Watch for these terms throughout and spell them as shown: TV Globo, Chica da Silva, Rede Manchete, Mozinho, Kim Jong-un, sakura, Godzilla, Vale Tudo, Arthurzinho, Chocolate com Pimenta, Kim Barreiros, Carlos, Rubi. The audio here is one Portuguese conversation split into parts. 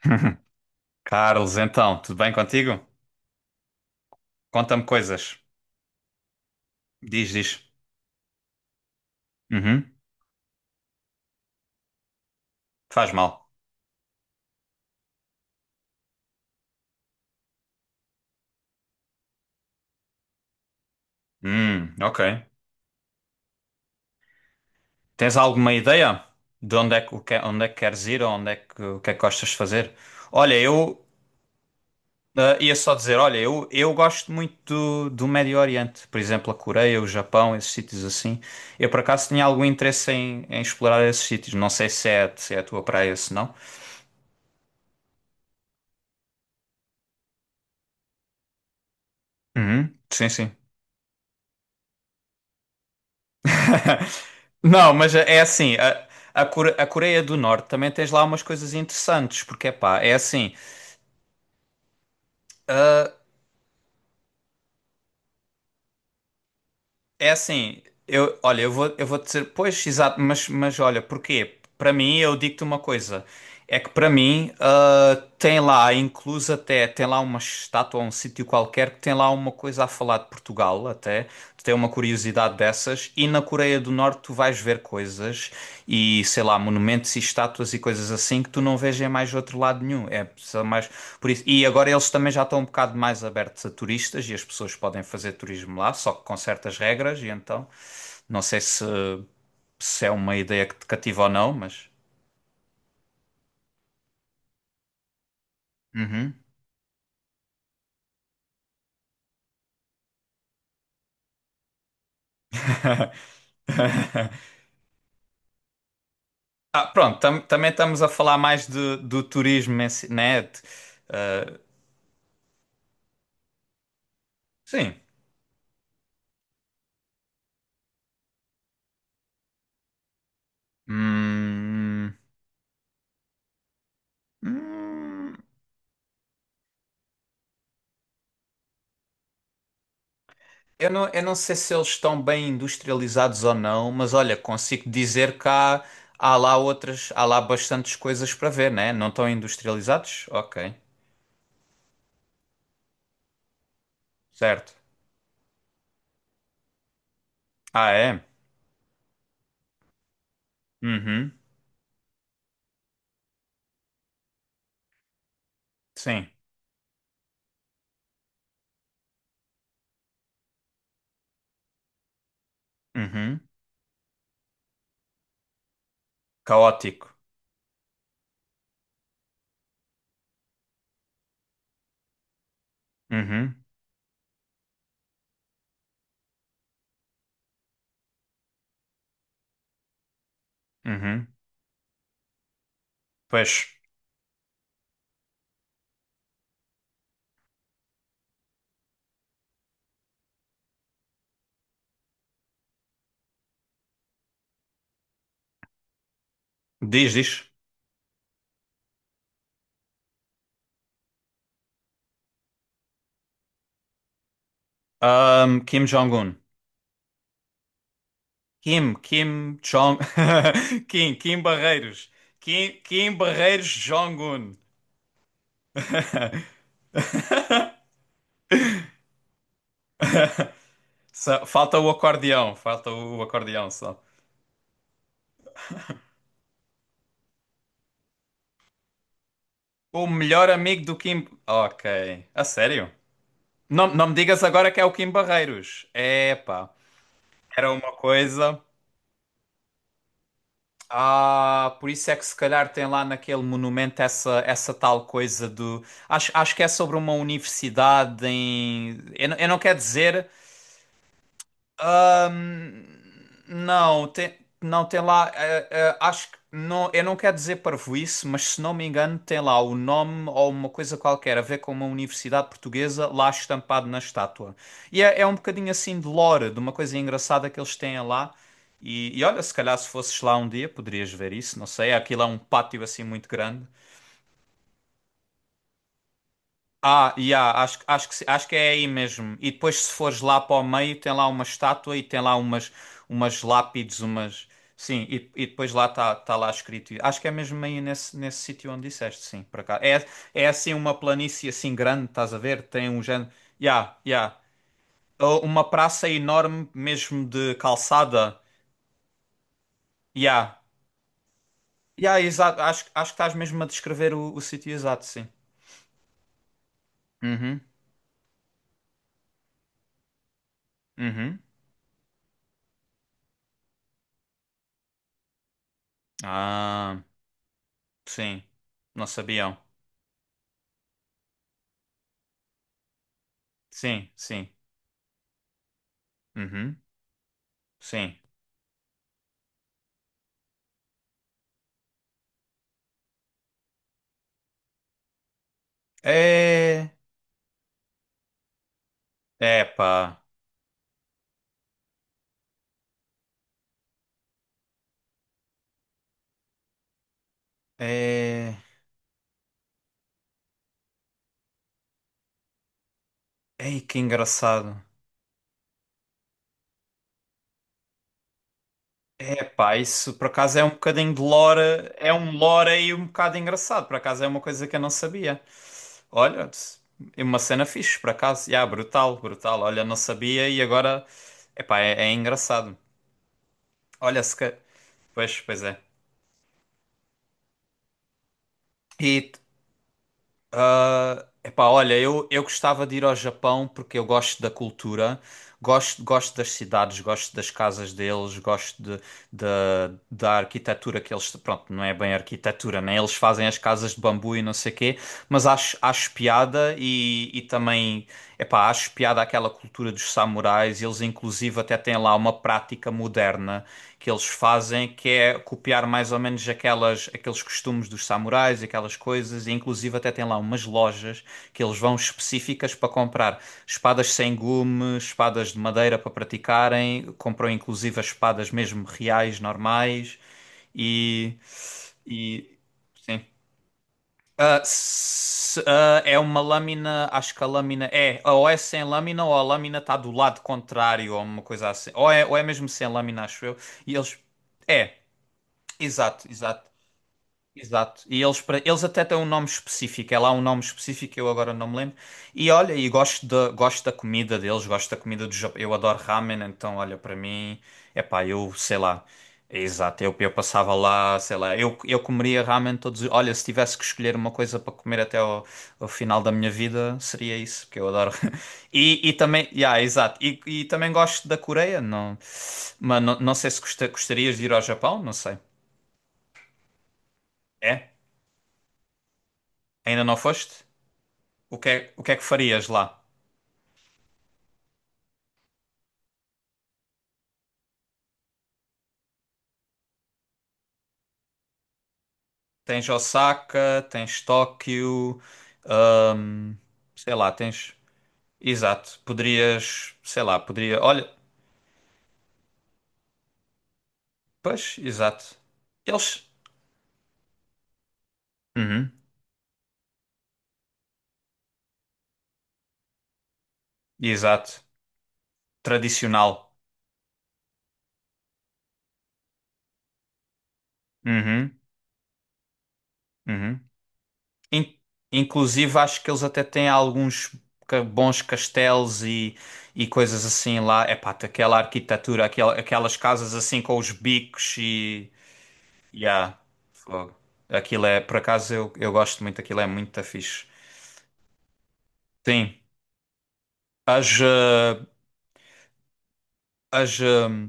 Carlos, então, tudo bem contigo? Conta-me coisas. Diz, diz. Uhum. Faz mal. Ok. Tens alguma ideia de onde é que, o que- onde é que queres ir ou onde é que, o que é que gostas de fazer? Olha, eu ia só dizer, olha, eu gosto muito do Médio Oriente, por exemplo, a Coreia, o Japão, esses sítios assim. Eu por acaso tinha algum interesse em explorar esses sítios. Não sei se é, a tua praia, se não. Uhum. Sim, sim. Não, mas é assim, a Coreia do Norte também tens lá umas coisas interessantes, porque é pá, é assim, eu, olha, eu vou dizer, pois, exato, mas olha, porquê? Para mim, eu digo-te uma coisa. É que para mim, tem lá, incluso até, tem lá uma estátua, um sítio qualquer, que tem lá uma coisa a falar de Portugal, até. Tu tem uma curiosidade dessas. E na Coreia do Norte tu vais ver coisas e, sei lá, monumentos e estátuas e coisas assim que tu não vês em mais outro lado nenhum. É só mais por isso. E agora eles também já estão um bocado mais abertos a turistas e as pessoas podem fazer turismo lá, só que com certas regras. E então, não sei se é uma ideia que te cativa ou não, mas. Uhum. Ah, pronto, também estamos a falar mais do turismo, em si, né? Sim. Hum, hum, eu não sei se eles estão bem industrializados ou não, mas olha, consigo dizer que há lá outras, há lá bastantes coisas para ver, né? Não estão industrializados? Ok, certo. Ah, é? Uhum, sim. Uhum. Caótico. Uhum, uhum. Pois, diz, diz. Kim Jong-un. Kim Jong... Kim Barreiros. Kim Barreiros Jong-un. Falta o acordeão só. O melhor amigo do Kim... Ok, a sério? Não, não me digas agora que é o Kim Barreiros. Epá, era uma coisa... Ah, por isso é que se calhar tem lá naquele monumento essa, tal coisa do... Acho que é sobre uma universidade em... Eu não quero dizer... Ahn, não, tem, não tem lá. Acho que não, eu não quero dizer parvoíce, mas se não me engano, tem lá o nome ou uma coisa qualquer a ver com uma universidade portuguesa lá estampado na estátua. E é um bocadinho assim de lore, de uma coisa engraçada que eles têm lá. E olha, se calhar se fosses lá um dia poderias ver isso, não sei. Aquilo é um pátio assim muito grande. Ah, yeah, acho, acho que, se- acho que é aí mesmo. E depois, se fores lá para o meio, tem lá uma estátua e tem lá umas, umas lápides, umas. Sim, e depois lá está lá escrito. Acho que é mesmo aí nesse, nesse sítio onde disseste, sim, para cá. é assim uma planície assim grande, estás a ver? Tem um género. Yeah, yeah. Ou uma praça enorme mesmo de calçada. Yeah. Yeah, exato. Acho que estás mesmo a descrever o sítio exato, sim. Uhum, uhum. Ah, sim. Não sabiam. Sim, sim. Uhum, sim. É. É, pá. É. Ei, que engraçado. É, pá, isso por acaso é um bocadinho de lore. É um lore aí um bocado engraçado. Por acaso é uma coisa que eu não sabia. Olha, é uma cena fixe, por acaso. Yeah, brutal, brutal. Olha, não sabia e agora. É, pá, é engraçado. Olha, se ca... Pois, pois é. E ah, epá, olha, eu gostava de ir ao Japão porque eu gosto da cultura, gosto das cidades, gosto das casas deles, gosto de, da da arquitetura que eles. Pronto, não é bem arquitetura, né? Eles fazem as casas de bambu e não sei quê, mas acho piada e também, epá, acho piada aquela cultura dos samurais. Eles, inclusive, até têm lá uma prática moderna que eles fazem, que é copiar mais ou menos aqueles costumes dos samurais e aquelas coisas, e inclusive até tem lá umas lojas que eles vão específicas para comprar espadas sem gume, espadas de madeira para praticarem, compram inclusive as espadas mesmo reais, normais, e, e sim. Ah, é uma lâmina, acho que a lâmina é, ou é sem lâmina ou a lâmina está do lado contrário ou uma coisa assim, ou é mesmo sem lâmina, acho eu, e eles, é. Exato, exato, exato. E eles, eles até têm um nome específico. É lá um nome específico, que eu agora não me lembro. E olha, e gosto da comida deles, gosto da comida do Japão. Eu adoro ramen, então olha, para mim, é pá, eu sei lá. Exato, eu passava lá, sei lá, eu comeria ramen todos. Olha, se tivesse que escolher uma coisa para comer até ao final da minha vida, seria isso, porque eu adoro. E também, yeah, exato. E também gosto da Coreia, não, mas não, não sei se gostarias de ir ao Japão, não sei. É? Ainda não foste? O que é que farias lá? Tens Osaka, tens Tóquio, hum, sei lá, tens. Exato. Poderias, sei lá, poderia. Olha, pois, exato. Eles. Uhum, exato. Tradicional. Uhum, uhum. In- inclusive, acho que eles até têm alguns bons castelos e coisas assim lá. Epá, aquela arquitetura, aquela, aquelas casas assim com os bicos e. Yeah. Fogo. Aquilo é, por acaso eu gosto muito, aquilo é muito fixe. Sim, as, eh, as, eh,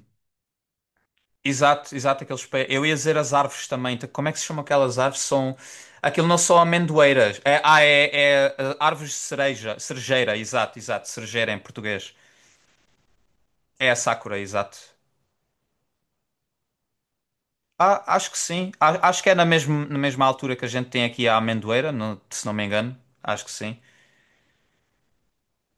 exato, exato, aqueles pés. Eu ia dizer as árvores também. Então, como é que se chamam aquelas árvores? São, aquilo não são amendoeiras. Árvores de cereja, cerejeira, exato, exato, cerejeira em português. É a sakura, exato. Ah, acho que sim. Acho que é na mesma, altura que a gente tem aqui a amendoeira, se não me engano. Acho que sim.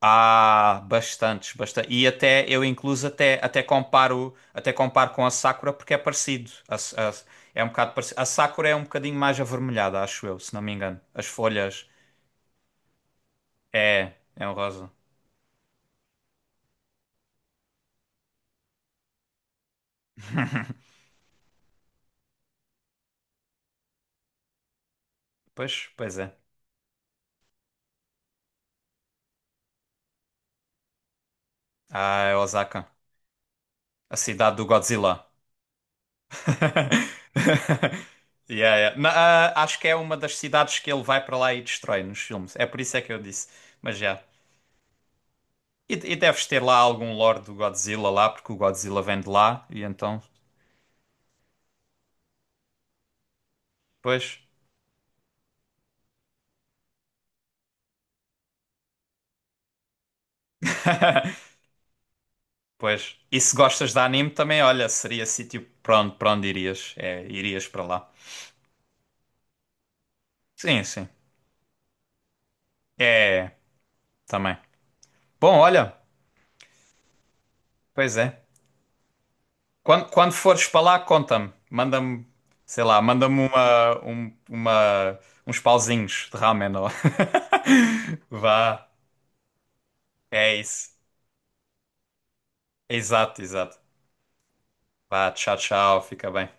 Ah, bastantes, bastante. E até eu incluso até comparo com a Sakura porque é parecido. A é um bocado parecido. A Sakura é um bocadinho mais avermelhada, acho eu, se não me engano. As folhas é um rosa. Pois, pois é. Ah, é Osaka, a cidade do Godzilla. Yeah, yeah. Acho que é uma das cidades que ele vai para lá e destrói nos filmes. É por isso é que eu disse. Mas já. E deves ter lá algum lore do Godzilla lá, porque o Godzilla vem de lá e então. Pois, pois. E se gostas de anime também, olha, seria sítio para onde irias. É, irias para lá. Sim, sim. É, também. Bom, olha, pois é. Quando fores para lá, conta-me. Manda-me, sei lá, manda-me uns pauzinhos de ramen. Ó. Vá, é isso. Exato, exato. Vá, tchau, tchau. Fica bem.